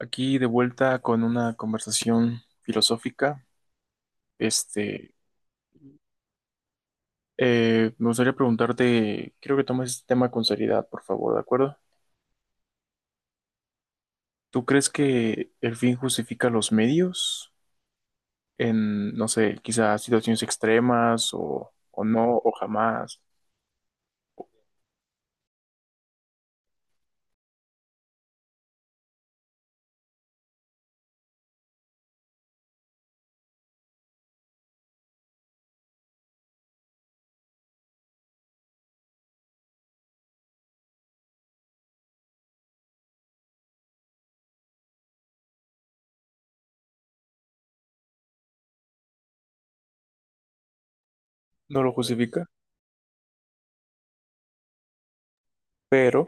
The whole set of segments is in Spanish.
Aquí de vuelta con una conversación filosófica. Este, Me gustaría preguntarte, quiero que tomes este tema con seriedad, por favor, ¿de acuerdo? ¿Tú crees que el fin justifica los medios en, no sé, quizás situaciones extremas o no, o jamás? No lo justifica, pero,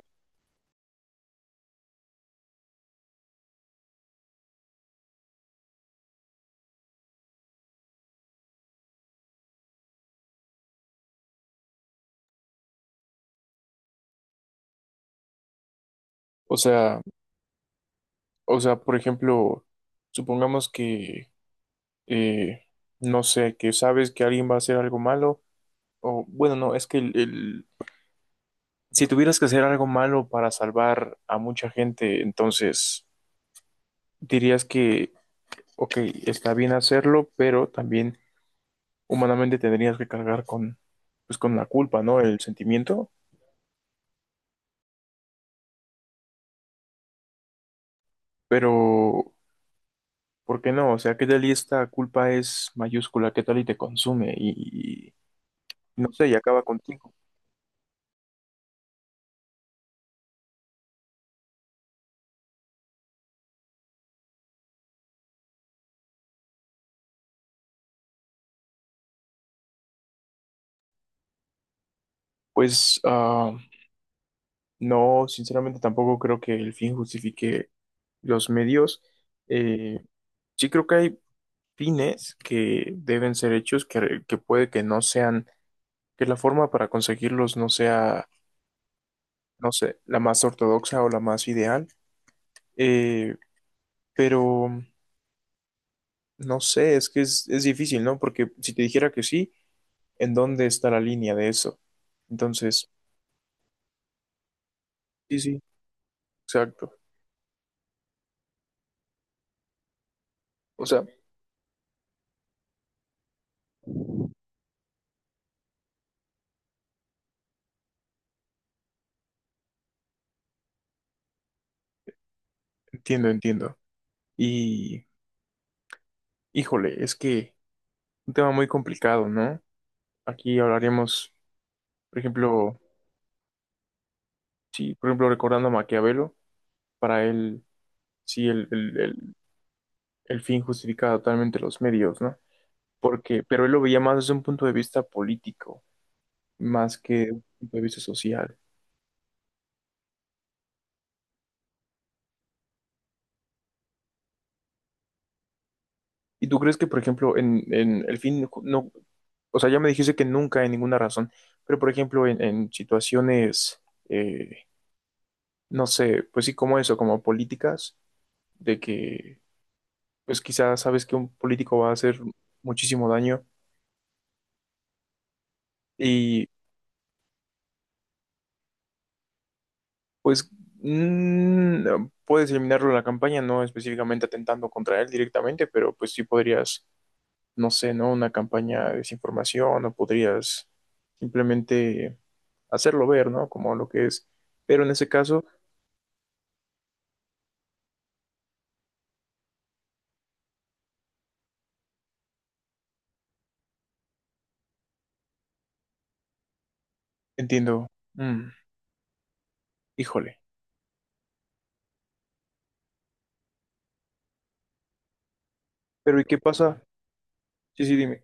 o sea, o sea, por ejemplo, supongamos que, eh, no sé, que sabes que alguien va a hacer algo malo, o bueno, no, es que si tuvieras que hacer algo malo para salvar a mucha gente, entonces dirías que, ok, está bien hacerlo, pero también humanamente tendrías que cargar con, pues, con la culpa, ¿no? El sentimiento. Pero, ¿por qué no? O sea, ¿qué tal y esta culpa es mayúscula? ¿Qué tal y te consume? Y no sé, y acaba contigo. Pues, no, sinceramente tampoco creo que el fin justifique los medios. Eh, sí creo que hay fines que deben ser hechos, que puede que no sean, que la forma para conseguirlos no sea, no sé, la más ortodoxa o la más ideal, eh, pero no sé, es que es difícil, ¿no? Porque si te dijera que sí, ¿en dónde está la línea de eso? Entonces, sí, sí, exacto. O sea, entiendo, entiendo. Y, híjole, es que un tema muy complicado, ¿no? Aquí hablaremos, por ejemplo, sí, por ejemplo, recordando a Maquiavelo, para él, sí, el el fin justifica totalmente los medios, ¿no? Porque, pero él lo veía más desde un punto de vista político, más que un punto de vista social. ¿Y tú crees que, por ejemplo, en el fin, no, o sea, ya me dijiste que nunca, en ninguna razón, pero, por ejemplo, en situaciones, eh, no sé, pues sí, como eso, como políticas, de que, pues quizás sabes que un político va a hacer muchísimo daño y pues mm, puedes eliminarlo en la campaña, no específicamente atentando contra él directamente, pero pues sí podrías, no sé, ¿no? Una campaña de desinformación o podrías simplemente hacerlo ver, ¿no? Como lo que es. Pero en ese caso, entiendo, mm, híjole. Pero ¿y qué pasa? Sí, sí, dime.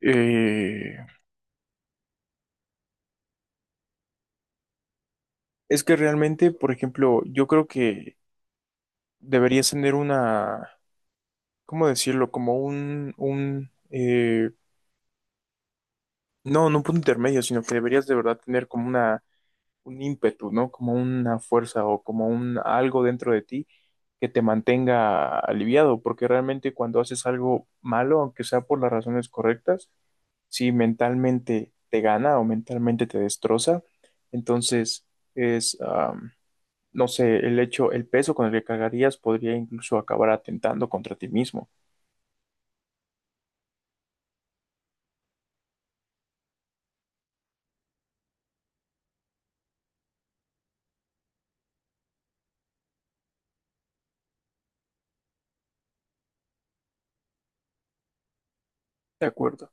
Eh, es que realmente, por ejemplo, yo creo que deberías tener una, ¿cómo decirlo? Como no, no un punto intermedio, sino que deberías de verdad tener como una, un ímpetu, ¿no? Como una fuerza o como un algo dentro de ti que te mantenga aliviado, porque realmente cuando haces algo malo, aunque sea por las razones correctas, si mentalmente te gana o mentalmente te destroza, entonces es, am, no sé, el hecho, el peso con el que cargarías podría incluso acabar atentando contra ti mismo, ¿de acuerdo?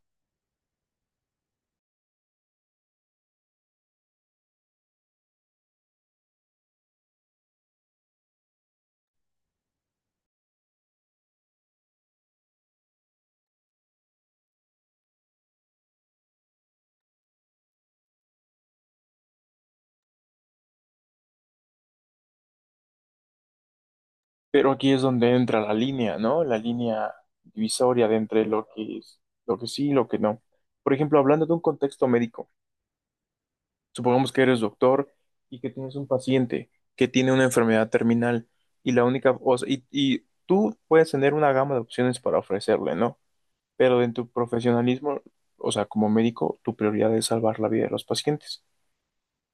Pero aquí es donde entra la línea, ¿no? La línea divisoria de entre lo que es, lo que sí y lo que no. Por ejemplo, hablando de un contexto médico, supongamos que eres doctor y que tienes un paciente que tiene una enfermedad terminal y la única, o sea, y tú puedes tener una gama de opciones para ofrecerle, ¿no? Pero en tu profesionalismo, o sea, como médico, tu prioridad es salvar la vida de los pacientes.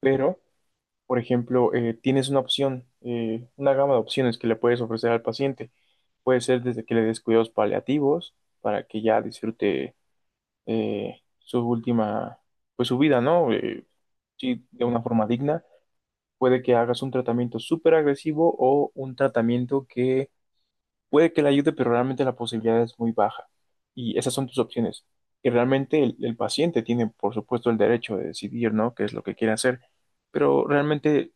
Pero, por ejemplo, tienes una opción, una gama de opciones que le puedes ofrecer al paciente. Puede ser desde que le des cuidados paliativos para que ya disfrute su última, pues su vida, ¿no? Sí, de una forma digna. Puede que hagas un tratamiento súper agresivo o un tratamiento que puede que le ayude, pero realmente la posibilidad es muy baja. Y esas son tus opciones. Y realmente el paciente tiene, por supuesto, el derecho de decidir, ¿no? Qué es lo que quiere hacer. Pero realmente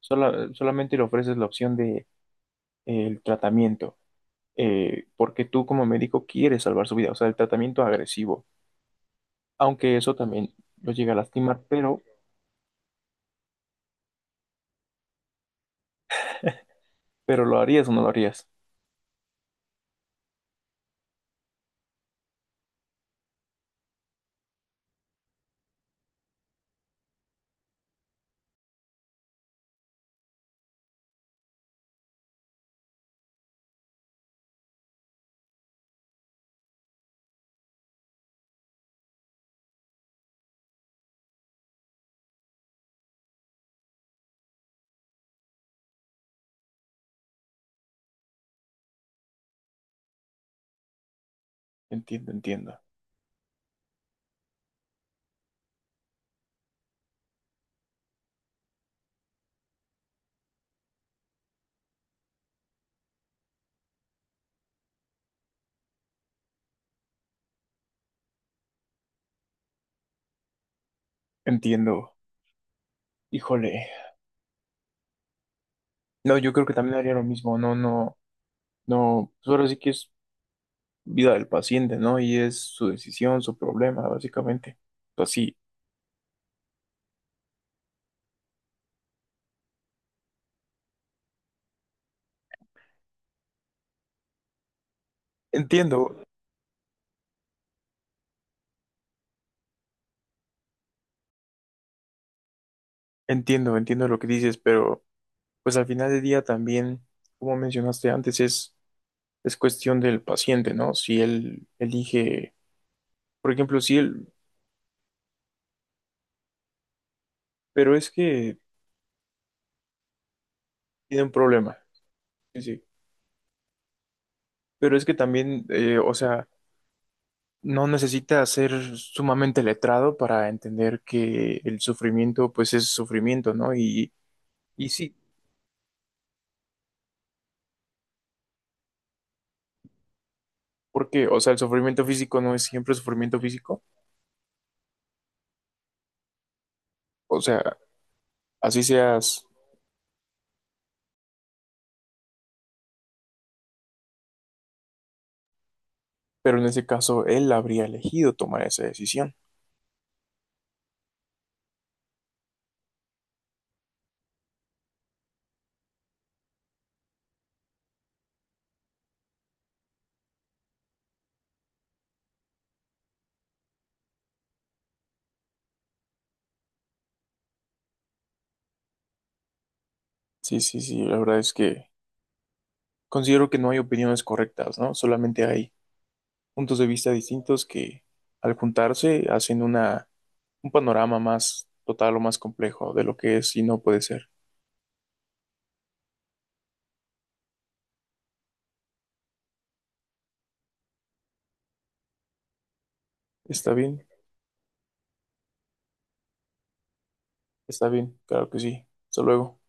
solamente le ofreces la opción de, el tratamiento, porque tú como médico quieres salvar su vida, o sea, el tratamiento agresivo, aunque eso también lo llega a lastimar, pero ¿lo harías o no lo harías? Entiendo, entiendo, entiendo. Híjole, no, yo creo que también haría lo mismo, no, no, no, pues ahora sí que es vida del paciente, ¿no? Y es su decisión, su problema, básicamente. Pues sí, entiendo, entiendo, entiendo lo que dices, pero pues al final del día también, como mencionaste antes, es cuestión del paciente, ¿no? Si él elige. Por ejemplo, sí, pero es que tiene un problema. Sí, sí. Pero es que también, o sea, no necesita ser sumamente letrado para entender que el sufrimiento, pues es sufrimiento, ¿no? Y sí, porque, o sea, el sufrimiento físico no es siempre sufrimiento físico. O sea, así seas, pero en ese caso él habría elegido tomar esa decisión. Sí, sí, sí, la verdad es que considero que no hay opiniones correctas, ¿no? Solamente hay puntos de vista distintos que al juntarse hacen una, un panorama más total o más complejo de lo que es y no puede ser. Está bien, está bien, claro que sí. Hasta luego.